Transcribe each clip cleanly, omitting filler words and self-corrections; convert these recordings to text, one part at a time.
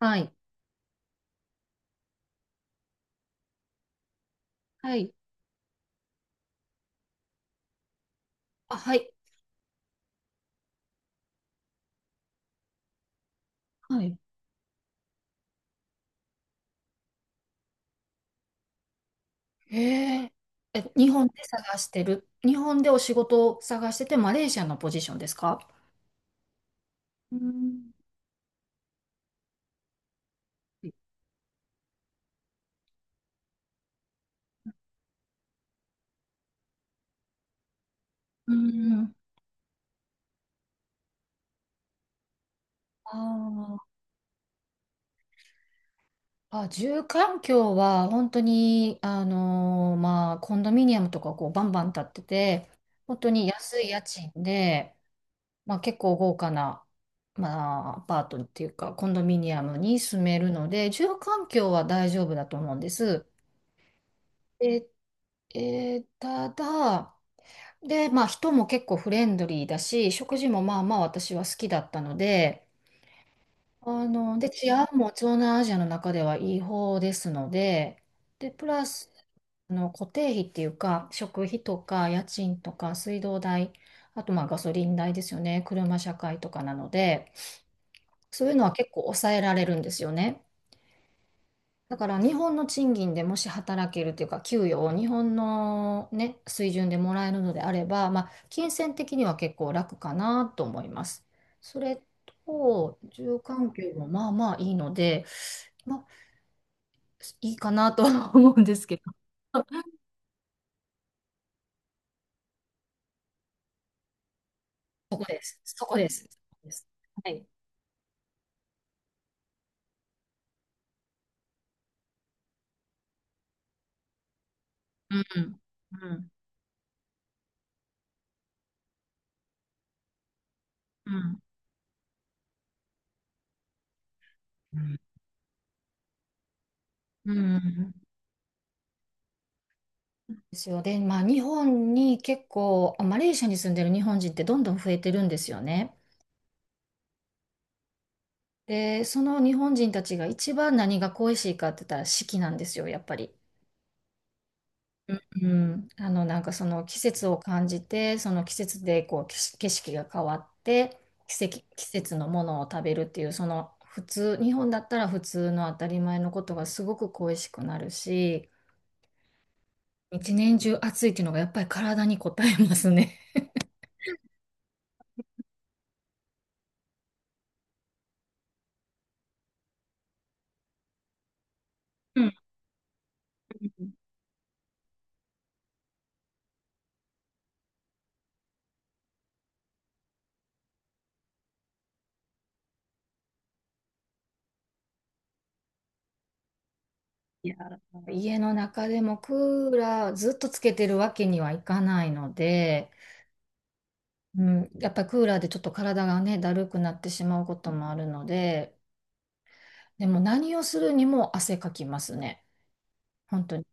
はい。はい。あ、はい。はい。へえー。え、日本で探してる。日本でお仕事を探してて、マレーシアのポジションですか？うん。うん。あーあ、住環境は本当に、まあ、コンドミニアムとかこうバンバン建ってて、本当に安い家賃で、まあ、結構豪華な、まあ、アパートっていうか、コンドミニアムに住めるので、住環境は大丈夫だと思うんです。でただ、で、まあ人も結構フレンドリーだし、食事もまあまあ私は好きだったので、で、治安も東南アジアの中ではいい方ですので、で、プラス、固定費っていうか、食費とか家賃とか水道代、あとまあガソリン代ですよね、車社会とかなので、そういうのは結構抑えられるんですよね。だから日本の賃金でもし働けるというか、給与を日本のね、水準でもらえるのであれば、まあ、金銭的には結構楽かなと思います。それと、住環境もまあまあいいので、まあ、いいかなとは思うんですけど、そこです。そこです。そこです。はい。うん。うん。うん。うん。ですよ。で、まあ、日本に結構、あ、マレーシアに住んでる日本人ってどんどん増えてるんですよね。で、その日本人たちが一番何が恋しいかって言ったら四季なんですよ、やっぱり。うん、なんかその季節を感じてその季節でこう景色が変わって、季節のものを食べるっていう、その普通日本だったら普通の当たり前のことがすごく恋しくなるし、一年中暑いっていうのがやっぱり体に応えますね。いや、家の中でもクーラーずっとつけてるわけにはいかないので。うん、やっぱりクーラーでちょっと体がね、だるくなってしまうこともあるので、でも何をするにも汗かきますね。本当に。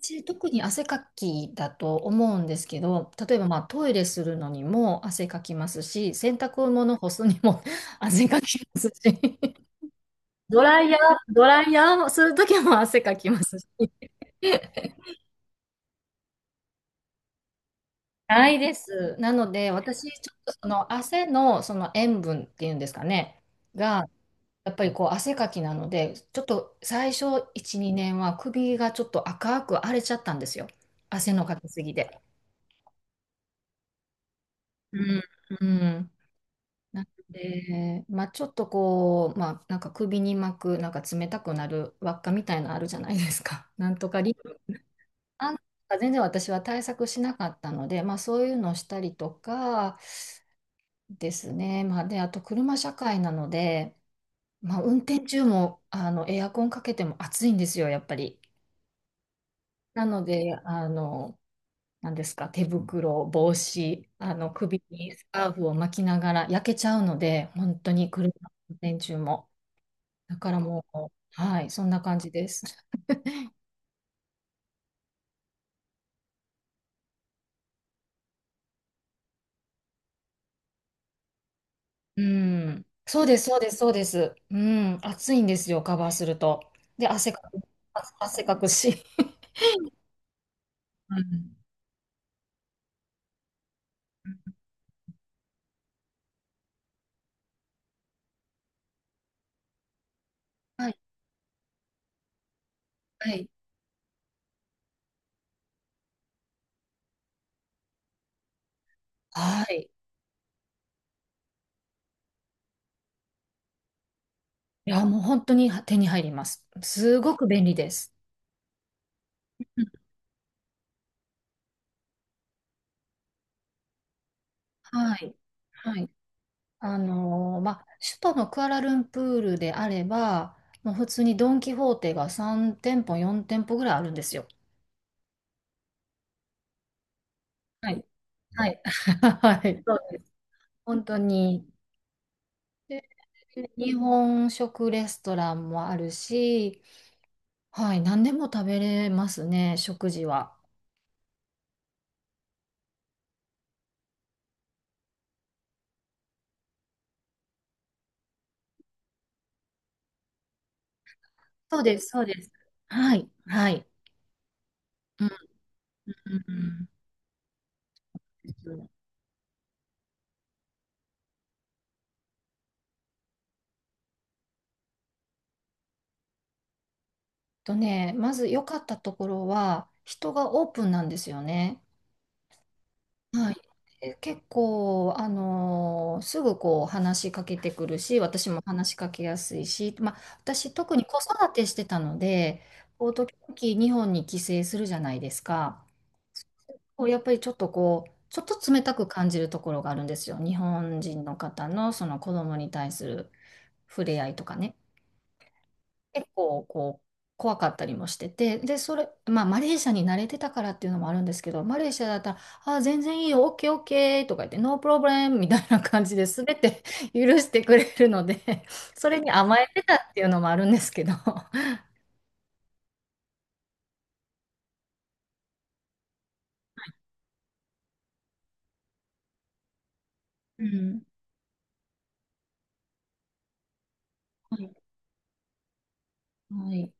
私特に汗かきだと思うんですけど、例えばまあトイレするのにも汗かきますし、洗濯物干すにも 汗かきますし、ドライヤー、ドライヤーをするときも汗かきますし。ないです。なので、私、ちょっとその汗のその塩分っていうんですかね、が、やっぱりこう汗かきなので、ちょっと最初1、2年は首がちょっと赤く荒れちゃったんですよ。汗のかきすぎで。うん。うん。なので、まあちょっとこう、まあなんか首に巻く、なんか冷たくなる輪っかみたいなのあるじゃないですか。なんとかリン、あんか全然私は対策しなかったので、まあそういうのをしたりとかですね。まあで、あと車社会なので、まあ運転中もエアコンかけても暑いんですよ、やっぱり。なので、何ですか、手袋、帽子、首にスカーフを巻きながら焼けちゃうので、本当に車の運転中も。だからもう、はい、そんな感じです。うん。そうです、そうです、そうです。うん。暑いんですよ、カバーすると。で、汗かく、汗かくし。うん。はい、はい。はい。いや、もう本当に手に入ります。すごく便利です。うん。はい。はい。まあ、首都のクアラルンプールであれば、もう普通にドン・キホーテが3店舗、4店舗ぐらいあるんですよ。はい。はい。はい。そうです。本当に。で、日本食レストランもあるし、はい。何でも食べれますね、食事は。そうです、そうです。はい。はい。うん、うん、うん。えっね、まず良かったところは、人がオープンなんですよね。はい、結構、すぐこう話しかけてくるし、私も話しかけやすいし、まあ、私特に子育てしてたので、こう時々日本に帰省するじゃないですか。こうやっぱりちょっとこう、ちょっと冷たく感じるところがあるんですよ。日本人の方のその子供に対する触れ合いとかね。結構こう怖かったりもしてて、で、それ、まあ、マレーシアに慣れてたからっていうのもあるんですけど、マレーシアだったら、あー、全然いいよ、オッケーオッケーとか言って、ノープロブレムみたいな感じで、全て 許してくれるので、それに甘えてたっていうのもあるんですけど。うん。はい、はい。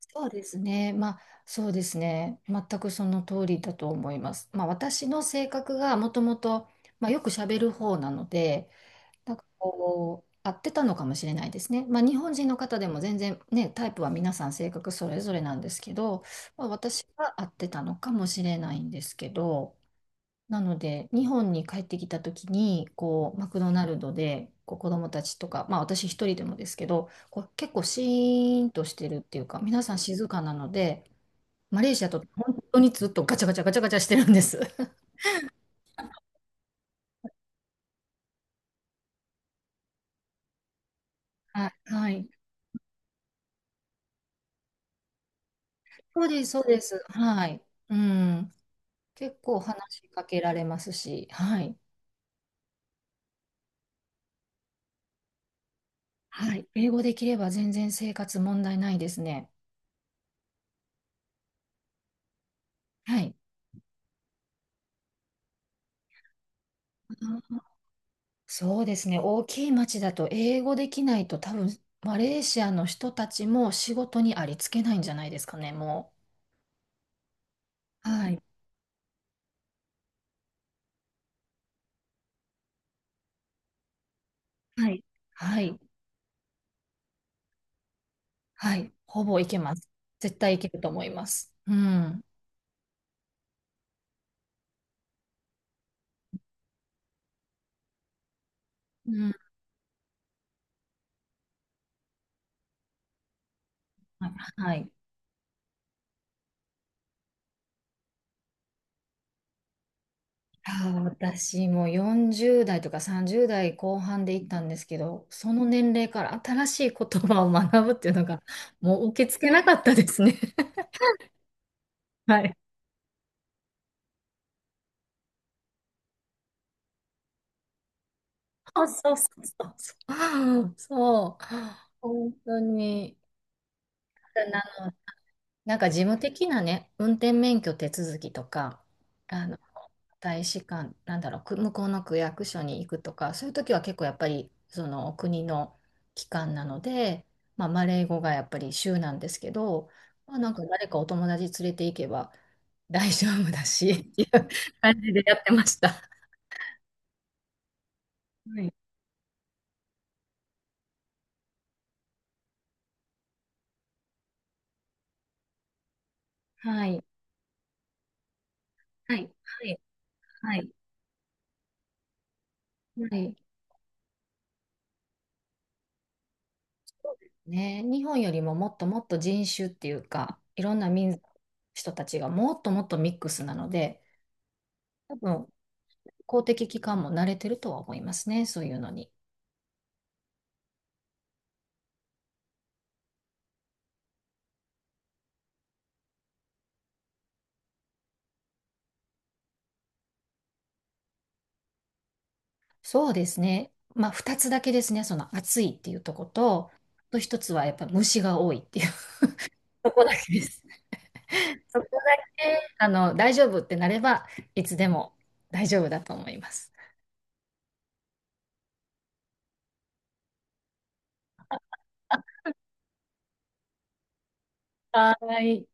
そうですね、まあ、そうですね、全くその通りだと思います。まあ、私の性格がもともと、まあ、よく喋る方なので、なんかこう、合ってたのかもしれないですね。まあ、日本人の方でも全然ね、タイプは皆さん性格それぞれなんですけど、まあ、私は合ってたのかもしれないんですけど、なので、日本に帰ってきた時に、こう、マクドナルドで、こう、子供たちとか、まあ、私一人でもですけど、こう、結構シーンとしてるっていうか、皆さん静かなので、マレーシアと本当にずっとガチャガチャガチャガチャしてるんです。はい。はい。そうです、そうです。はい。うん。結構話しかけられますし、はい。はい。英語できれば全然生活問題ないですね。はい。そうですね。大きい町だと英語できないと多分、マレーシアの人たちも仕事にありつけないんじゃないですかね、もう。はい。はい。はい。はい。ほぼいけます。絶対いけると思います。うん。うん。はい。はい。あー、私も40代とか30代後半で行ったんですけど、その年齢から新しい言葉を学ぶっていうのが、もう受け付けなかったですね。はい。そうそうそうそう。そう。本当に。なんか事務的なね、運転免許手続きとか、あの、大使館、なんだろう、向こうの区役所に行くとか、そういう時は結構やっぱり、その国の機関なので、まあ、マレー語がやっぱり州なんですけど、まあ、なんか誰かお友達連れて行けば大丈夫だし、っていう感じでやってました。はい。はい。はい。はい。はい。はい。ね、日本よりももっともっと人種っていうか、いろんな民族の人たちがもっともっとミックスなので、多分公的機関も慣れてるとは思いますね、そういうのに。そうですね。まあ、2つだけですね、その暑いっていうとこと、あと1つはやっぱ虫が多いっていう、そこだけです。そこだけ、大丈夫ってなれば、いつでも大丈夫だと思います。はーい。